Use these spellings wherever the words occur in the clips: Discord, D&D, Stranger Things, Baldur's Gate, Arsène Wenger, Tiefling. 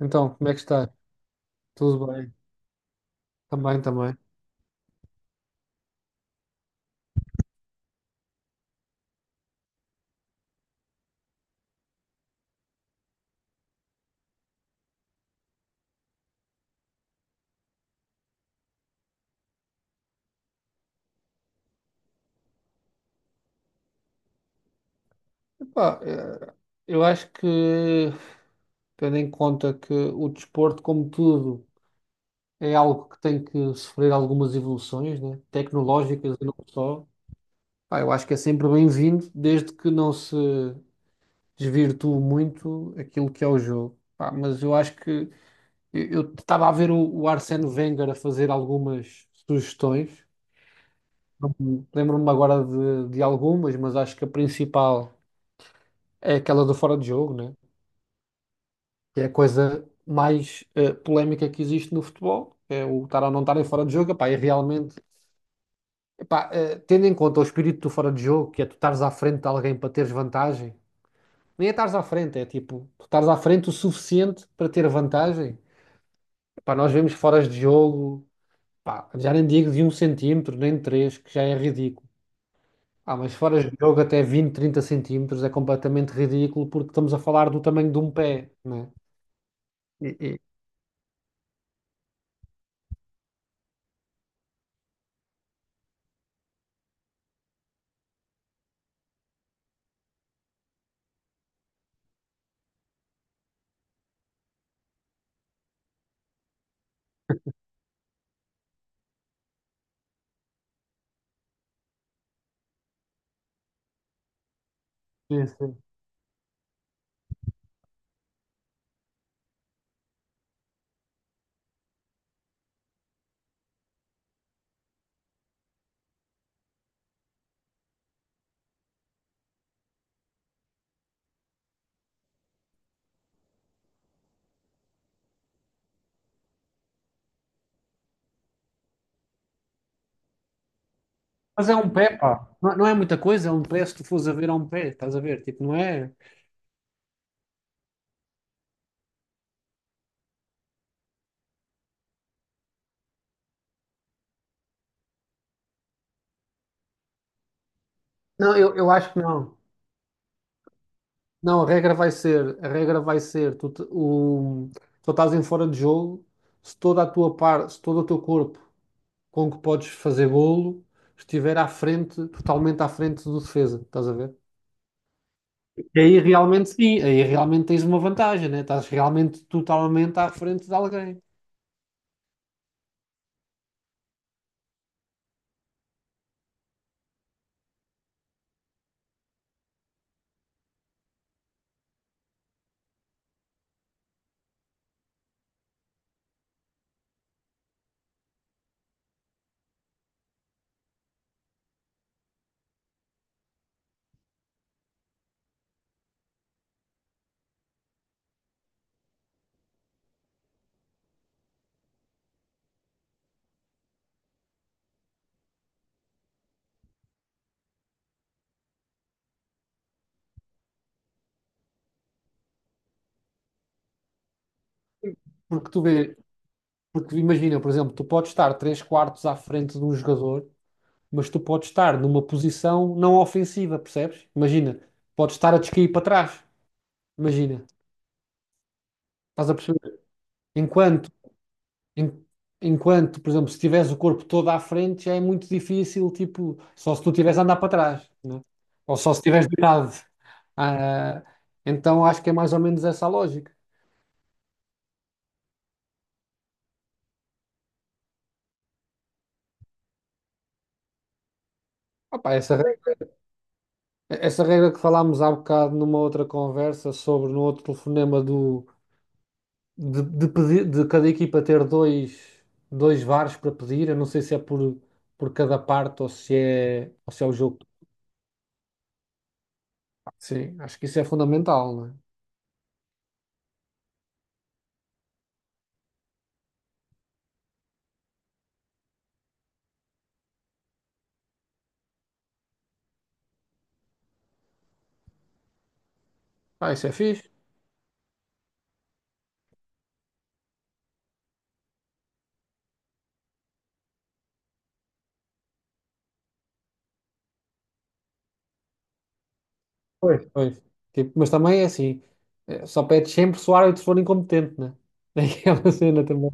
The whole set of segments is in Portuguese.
Então, como é que está? Tudo bem? Também, também. Epá, eu acho que, tendo em conta que o desporto, como tudo, é algo que tem que sofrer algumas evoluções, né? Tecnológicas e não só. Pá, eu acho que é sempre bem-vindo, desde que não se desvirtue muito aquilo que é o jogo. Pá, mas eu acho que eu estava a ver o Arsène Wenger a fazer algumas sugestões. Não me- Lembro-me agora de algumas, mas acho que a principal. É aquela do fora de jogo, né? Que é a coisa mais polémica que existe no futebol, é o estar ou não estar em fora de jogo, epá, e realmente, epá, tendo em conta o espírito do fora de jogo, que é tu estares à frente de alguém para teres vantagem, nem é estares à frente, é tipo, tu estares à frente o suficiente para ter vantagem, epá, nós vemos foras de jogo, pá, já nem digo de 1 cm, nem de 3, que já é ridículo. Ah, mas foras de jogo até 20, 30 cm é completamente ridículo porque estamos a falar do tamanho de um pé, né? E, e- Sim, sim. Mas é um pé, pá. Não, não é muita coisa, é um pé se tu fores a ver a um pé, estás a ver? Tipo, não é? Não, eu acho que não. Não, a regra vai ser, a regra vai ser, tu estás em fora de jogo, se toda a tua parte, se todo o teu corpo com que podes fazer golo estiver à frente, totalmente à frente do defesa, estás a ver? E aí realmente sim, aí realmente tens uma vantagem, né? Estás realmente totalmente à frente de alguém. Porque tu vê, porque imagina, por exemplo, tu podes estar 3 quartos à frente de um jogador mas tu podes estar numa posição não ofensiva, percebes? Imagina, podes estar a descair para trás. Imagina, estás a perceber? Enquanto, en- enquanto, por exemplo, se tiveres o corpo todo à frente, já é muito difícil, tipo, só se tu tiveres a andar para trás, né? Ou só se tiveres deitado. Ah, então acho que é mais ou menos essa a lógica. Opa, essa regra que falámos há bocado numa outra conversa sobre, no outro telefonema de pedir, de cada equipa ter dois VARs para pedir. Eu não sei se é por cada parte ou se é, o jogo. Sim, acho que isso é fundamental, não é? Ah, isso é fixe. Pois. Pois. Tipo, mas também é assim, é, só pede sempre se o árbitro for incompetente, né? É aquela cena também.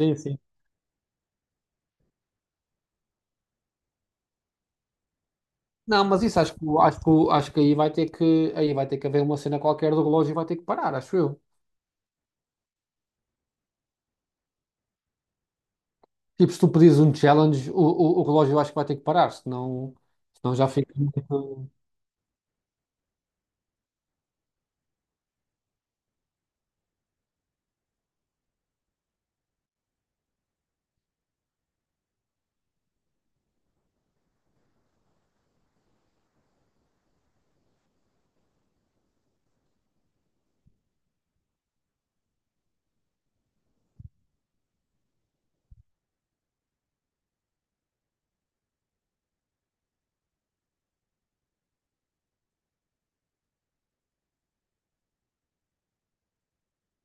Sim, sim. Não, mas isso acho que aí vai ter que haver uma cena qualquer do relógio e vai ter que parar, acho eu. Tipo, se tu pedires um challenge, o relógio eu acho que vai ter que parar, senão, senão já fica muito.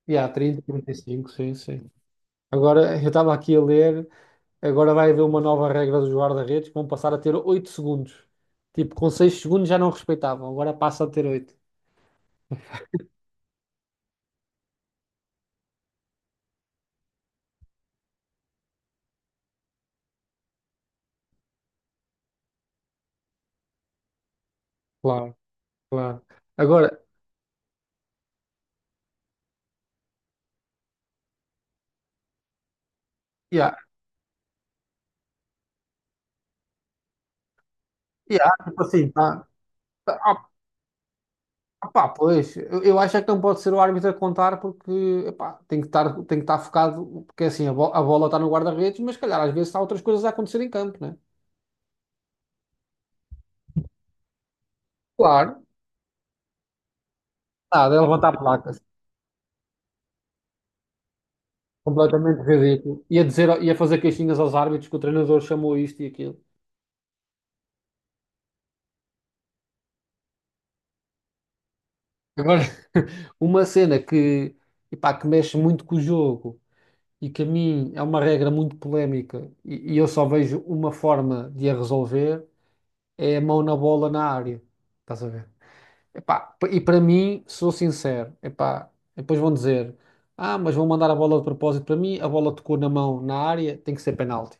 Yeah, 30, 35, sim, sim. Agora, eu estava aqui a ler, agora vai haver uma nova regra dos guarda-redes que vão passar a ter 8 segundos. Tipo, com 6 segundos já não respeitavam, agora passa a ter 8. Claro, claro. Agora, yeah, yeah, tipo assim, tá- ah, pá, pois, eu acho é que não pode ser o árbitro a contar porque, epá, tem que estar focado, porque assim, a bola está no guarda-redes, mas se calhar às vezes há outras coisas a acontecer em campo, né? Claro. Nada, é levantar a placa. Completamente ridículo. Ia dizer, ia fazer queixinhas aos árbitros que o treinador chamou isto e aquilo. Agora, uma cena que, epá, que mexe muito com o jogo e que a mim é uma regra muito polémica e eu só vejo uma forma de a resolver é a mão na bola na área. Estás a ver? Epá, p- e para mim, sou sincero, epá, depois vão dizer, ah, mas vão mandar a bola de propósito para mim, a bola tocou na mão na área, tem que ser penalti.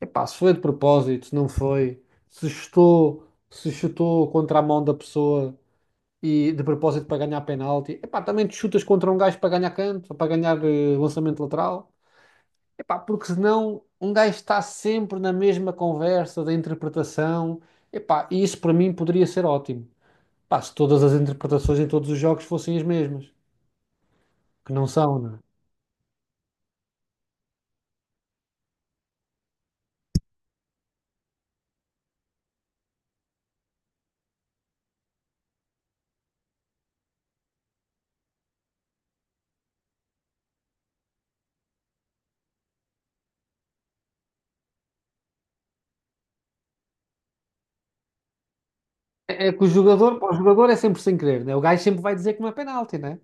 Epá, se foi de propósito, se não foi, se chutou, contra a mão da pessoa e de propósito para ganhar penalti, epá, também te chutas contra um gajo para ganhar canto, ou para ganhar lançamento lateral, epá, porque senão um gajo está sempre na mesma conversa da interpretação, epá, e isso para mim poderia ser ótimo. Epá, se todas as interpretações em todos os jogos fossem as mesmas, que não são, né? É que o jogador, pá, o jogador é sempre sem querer, né? O gajo sempre vai dizer que não é penalti, né?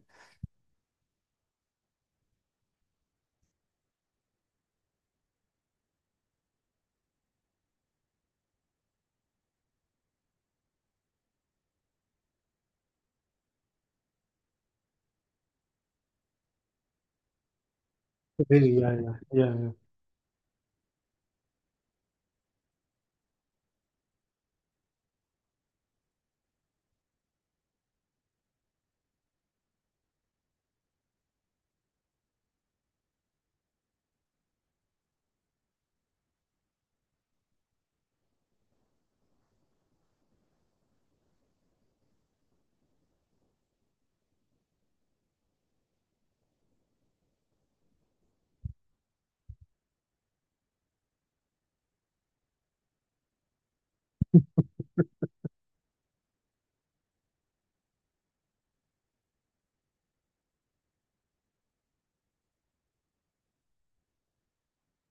Sim, yeah, yeah, yeah, yeah.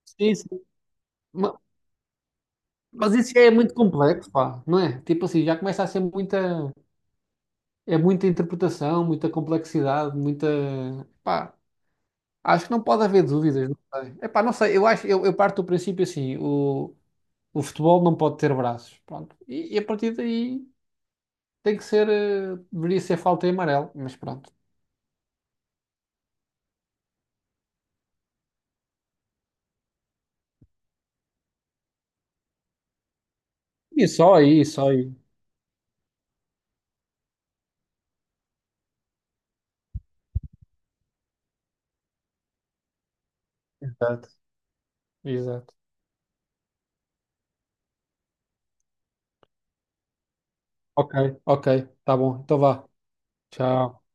Sim, sim. Ma- Mas isso já é muito complexo, pá, não é? Tipo assim, já começa a ser muita, é muita interpretação, muita complexidade, muita, pá, acho que não pode haver dúvidas, não sei. É pá, não sei, eu acho, eu parto do princípio assim, o, futebol não pode ter braços, pronto. E a partir daí tem que ser, deveria ser falta em amarelo, mas pronto. E só aí, só aí. Exato, exato. Ok, ok, tá bom, então vá. Tchau.